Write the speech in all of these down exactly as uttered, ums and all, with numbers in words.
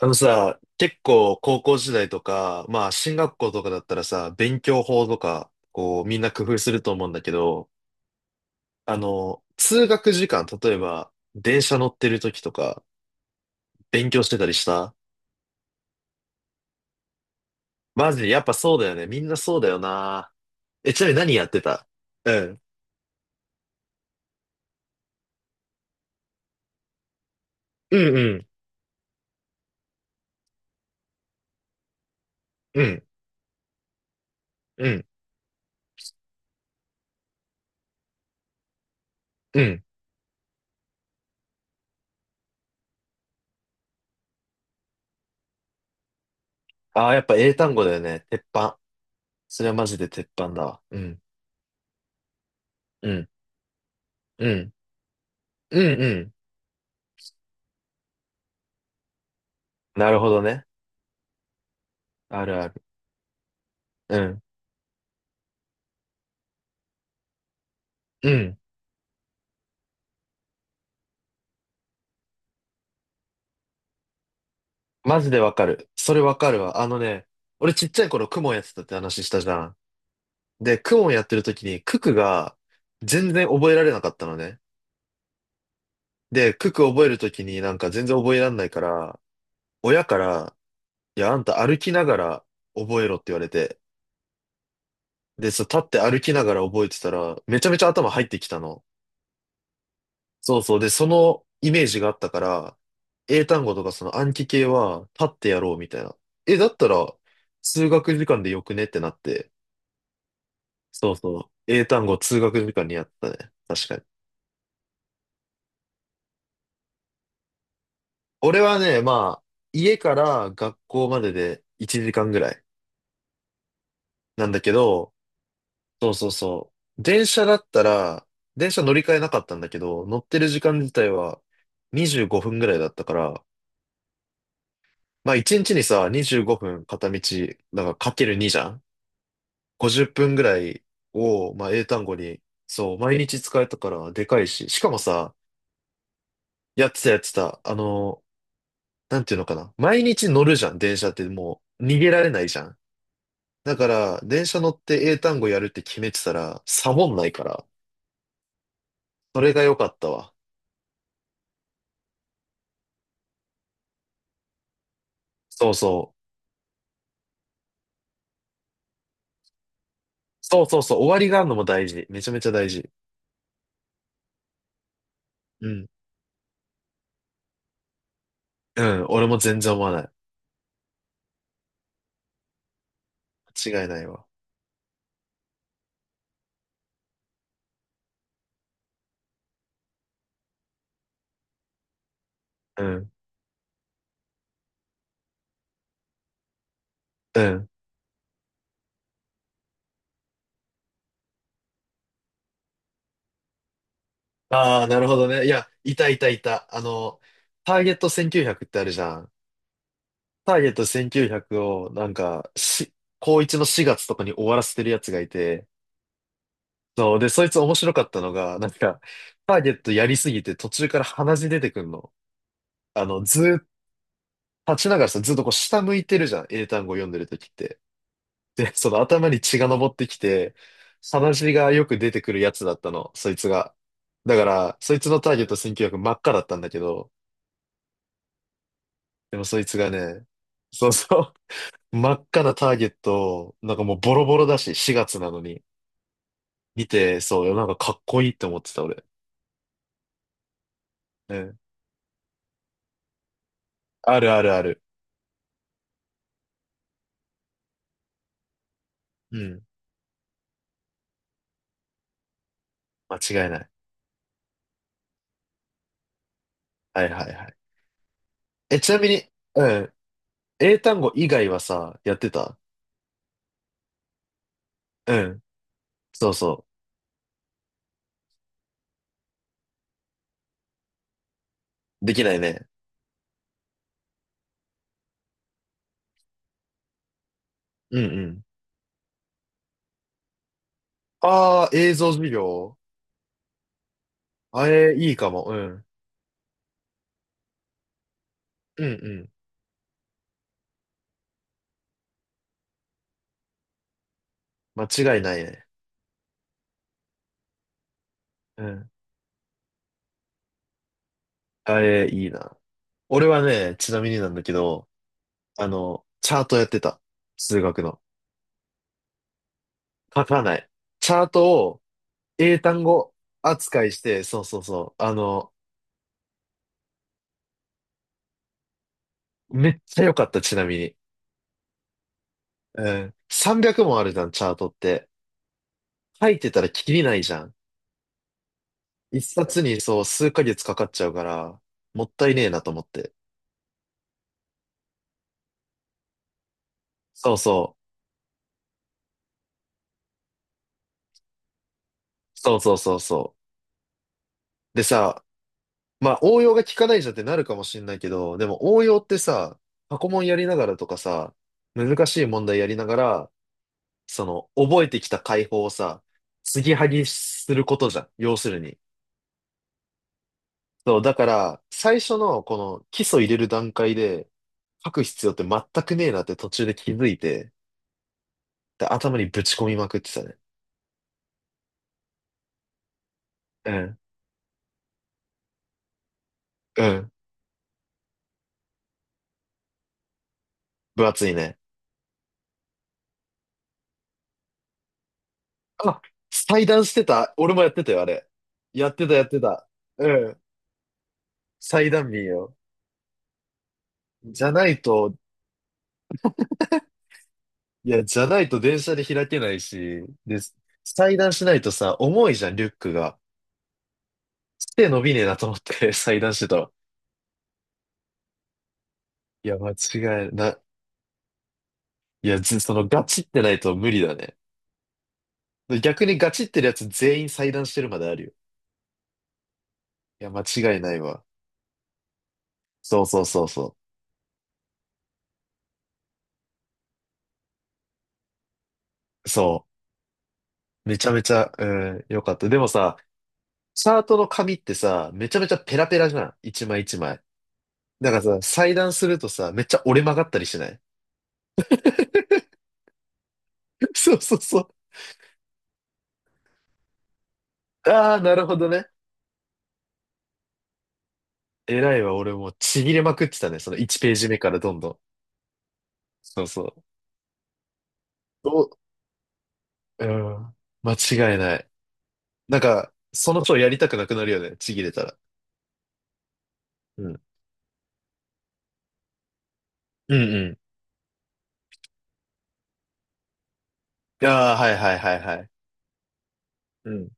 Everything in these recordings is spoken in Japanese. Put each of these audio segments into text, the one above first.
あのさ、結構高校時代とか、まあ進学校とかだったらさ、勉強法とか、こうみんな工夫すると思うんだけど、あの、通学時間、例えば電車乗ってる時とか、勉強してたりした。マジ、でやっぱそうだよね。みんなそうだよな。え、ちなみに何やってた？うん。うんうん。うん。うん。うん。ああ、やっぱ英単語だよね。鉄板。それはマジで鉄板だわ。うん。うん。うん。うんうん。なるほどね。あるある。うん。うん。マジでわかる。それわかるわ。あのね、俺ちっちゃい頃クモンやってたって話したじゃん。で、クモンやってる時にククが全然覚えられなかったのね。で、クク覚える時になんか全然覚えらんないから、親から、いや、あんた歩きながら覚えろって言われて。で、そう、立って歩きながら覚えてたら、めちゃめちゃ頭入ってきたの。そうそう。で、そのイメージがあったから、英単語とかその暗記系は立ってやろうみたいな。え、だったら、数学時間でよくねってなって。そうそう。英単語通学時間にあったね。確かに。俺はね、まあ、家から学校まででいちじかんぐらいなんだけど、そうそうそう。電車だったら、電車乗り換えなかったんだけど、乗ってる時間自体はにじゅうごふんぐらいだったから、まあいちにちにちにさ、にじゅうごふん片道、だからかけるにじゃん。 ごじゅう 分ぐらいを、まあ英単語に、そう、毎日使えたからでかいし、しかもさ、やってたやってた、あのなんていうのかな。毎日乗るじゃん、電車ってもう逃げられないじゃん。だから、電車乗って英単語やるって決めてたら、サボんないから、それが良かったわ。そうそう。そうそうそう、終わりがあるのも大事。めちゃめちゃ大事。うん。うん、俺も全然思わない。間違いないわ。うん、うん。ああ、なるほどね。いや、いたいたいた。あの、ターゲットせんきゅうひゃくってあるじゃん。ターゲットせんきゅうひゃくを、なんか、し、高こういちのしがつとかに終わらせてるやつがいて、そう。で、そいつ面白かったのが、なんか、ターゲットやりすぎて途中から鼻血出てくんの。あの、ずーっと、立ちながらさ、ずっとこう下向いてるじゃん。英単語読んでる時って。で、その頭に血が上ってきて、鼻血がよく出てくるやつだったの、そいつが。だから、そいつのターゲット選挙枠真っ赤だったんだけど、でもそいつがね、そうそう、真っ赤なターゲットを、なんかもうボロボロだし、しがつなのに。見て、そう、なんかかっこいいって思ってた、俺。うん。あるあるある。うん。間違いない。はいはいはい。え、ちなみに、うん。英単語以外はさ、やってた？うん。そうそう。できないね。うんうん。ああ、映像授業。あれ、いいかも。うん。うんうん。間違いないね。うん。あれ、いいな。俺はね、ちなみになんだけど、あの、チャートやってた。数学の。書かない。チャートを英単語扱いして、そうそうそう。あの、めっちゃ良かった、ちなみに。うん。さんびゃくもあるじゃん、チャートって。書いてたらきりないじゃん。一冊にそう、数ヶ月かかっちゃうから、もったいねえなと思って。そうそう。そうそうそうそう。でさ、まあ応用が効かないじゃんってなるかもしんないけど、でも応用ってさ、過去問やりながらとかさ、難しい問題やりながら、その、覚えてきた解法をさ、継ぎはぎすることじゃん。要するに。そう、だから、最初のこの基礎入れる段階で書く必要って全くねえなって途中で気づいて、で、頭にぶち込みまくってたね。うん。うん。分厚いね。あ、裁断してた。俺もやってたよ、あれ。やってた、やってた。うん。裁断民よ。じゃないと、いや、じゃないと電車で開けないし、で、裁断しないとさ、重いじゃん、リュックが。手伸びねえなと思って 裁断してたわ。いや、間違いな。いや、ず、その、ガチってないと無理だね。逆にガチってるやつ全員裁断してるまであるよ。いや、間違いないわ。そうそうそうそう。そう。めちゃめちゃ、うん、よかった。でもさ、チャートの紙ってさ、めちゃめちゃペラペラじゃん。一枚一枚。だからさ、裁断するとさ、めっちゃ折れ曲がったりしない？ そうそうそう。ああ、なるほどね。偉いわ、俺もうちぎれまくってたね。そのいちページ目からどんどん。そうそう。どう、うん。間違いない。なんか、その人やりたくなくなるよね。ちぎれたら。うん。うんうん。ああ、はいはいはいはい。うん。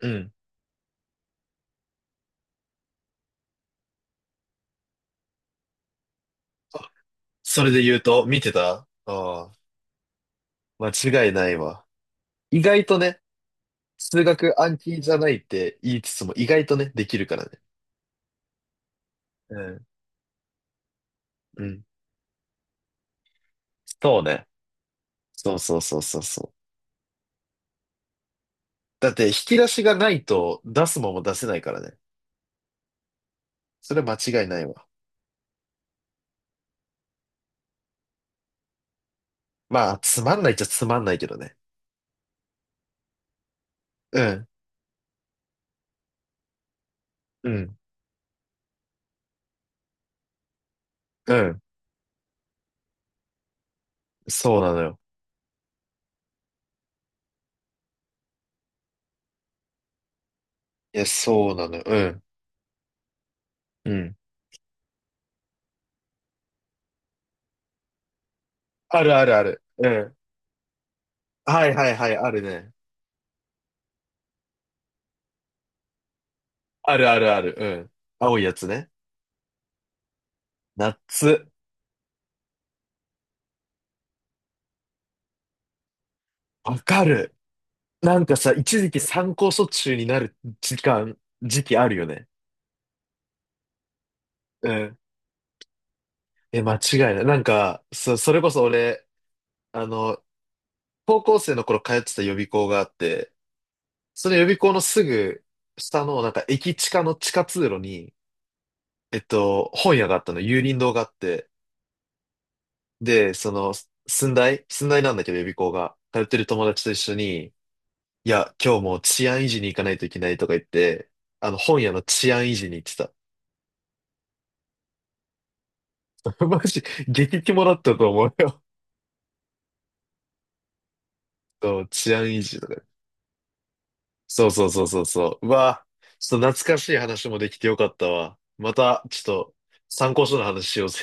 うん。あ、それで言うと、見てた。ああー、間違いないわ。意外とね、数学暗記じゃないって言いつつも意外とね、できるからね。うん。うん。そうね。そうそうそうそうそう。だって引き出しがないと出すもんも出せないからね。それは間違いないわ。まあ、つまんないっちゃつまんないけどね。うん。うん。うん。そうなのよ。いや、そうなのよ。うん。うん。あるあるある。うん。はいはいはい、あるね。あるあるある。うん。青いやつね。ナッツ。わかる。なんかさ、一時期参考書中になる時間、時期あるよね。うん。え、間違いない。なんか、そ、それこそ俺、あの、高校生の頃通ってた予備校があって、その予備校のすぐ下の、なんか駅地下の地下通路に、えっと、本屋があったの、有林堂があって、で、その、寸大寸大なんだけど予備校が、通ってる友達と一緒に、いや、今日もう治安維持に行かないといけないとか言って、あの、本屋の治安維持に行ってた。マジ、激キモだったと思うよ。そう、治安維持とか。そうそうそうそうそう。うわ、ちょっと懐かしい話もできてよかったわ。また、ちょっと、参考書の話しようぜ。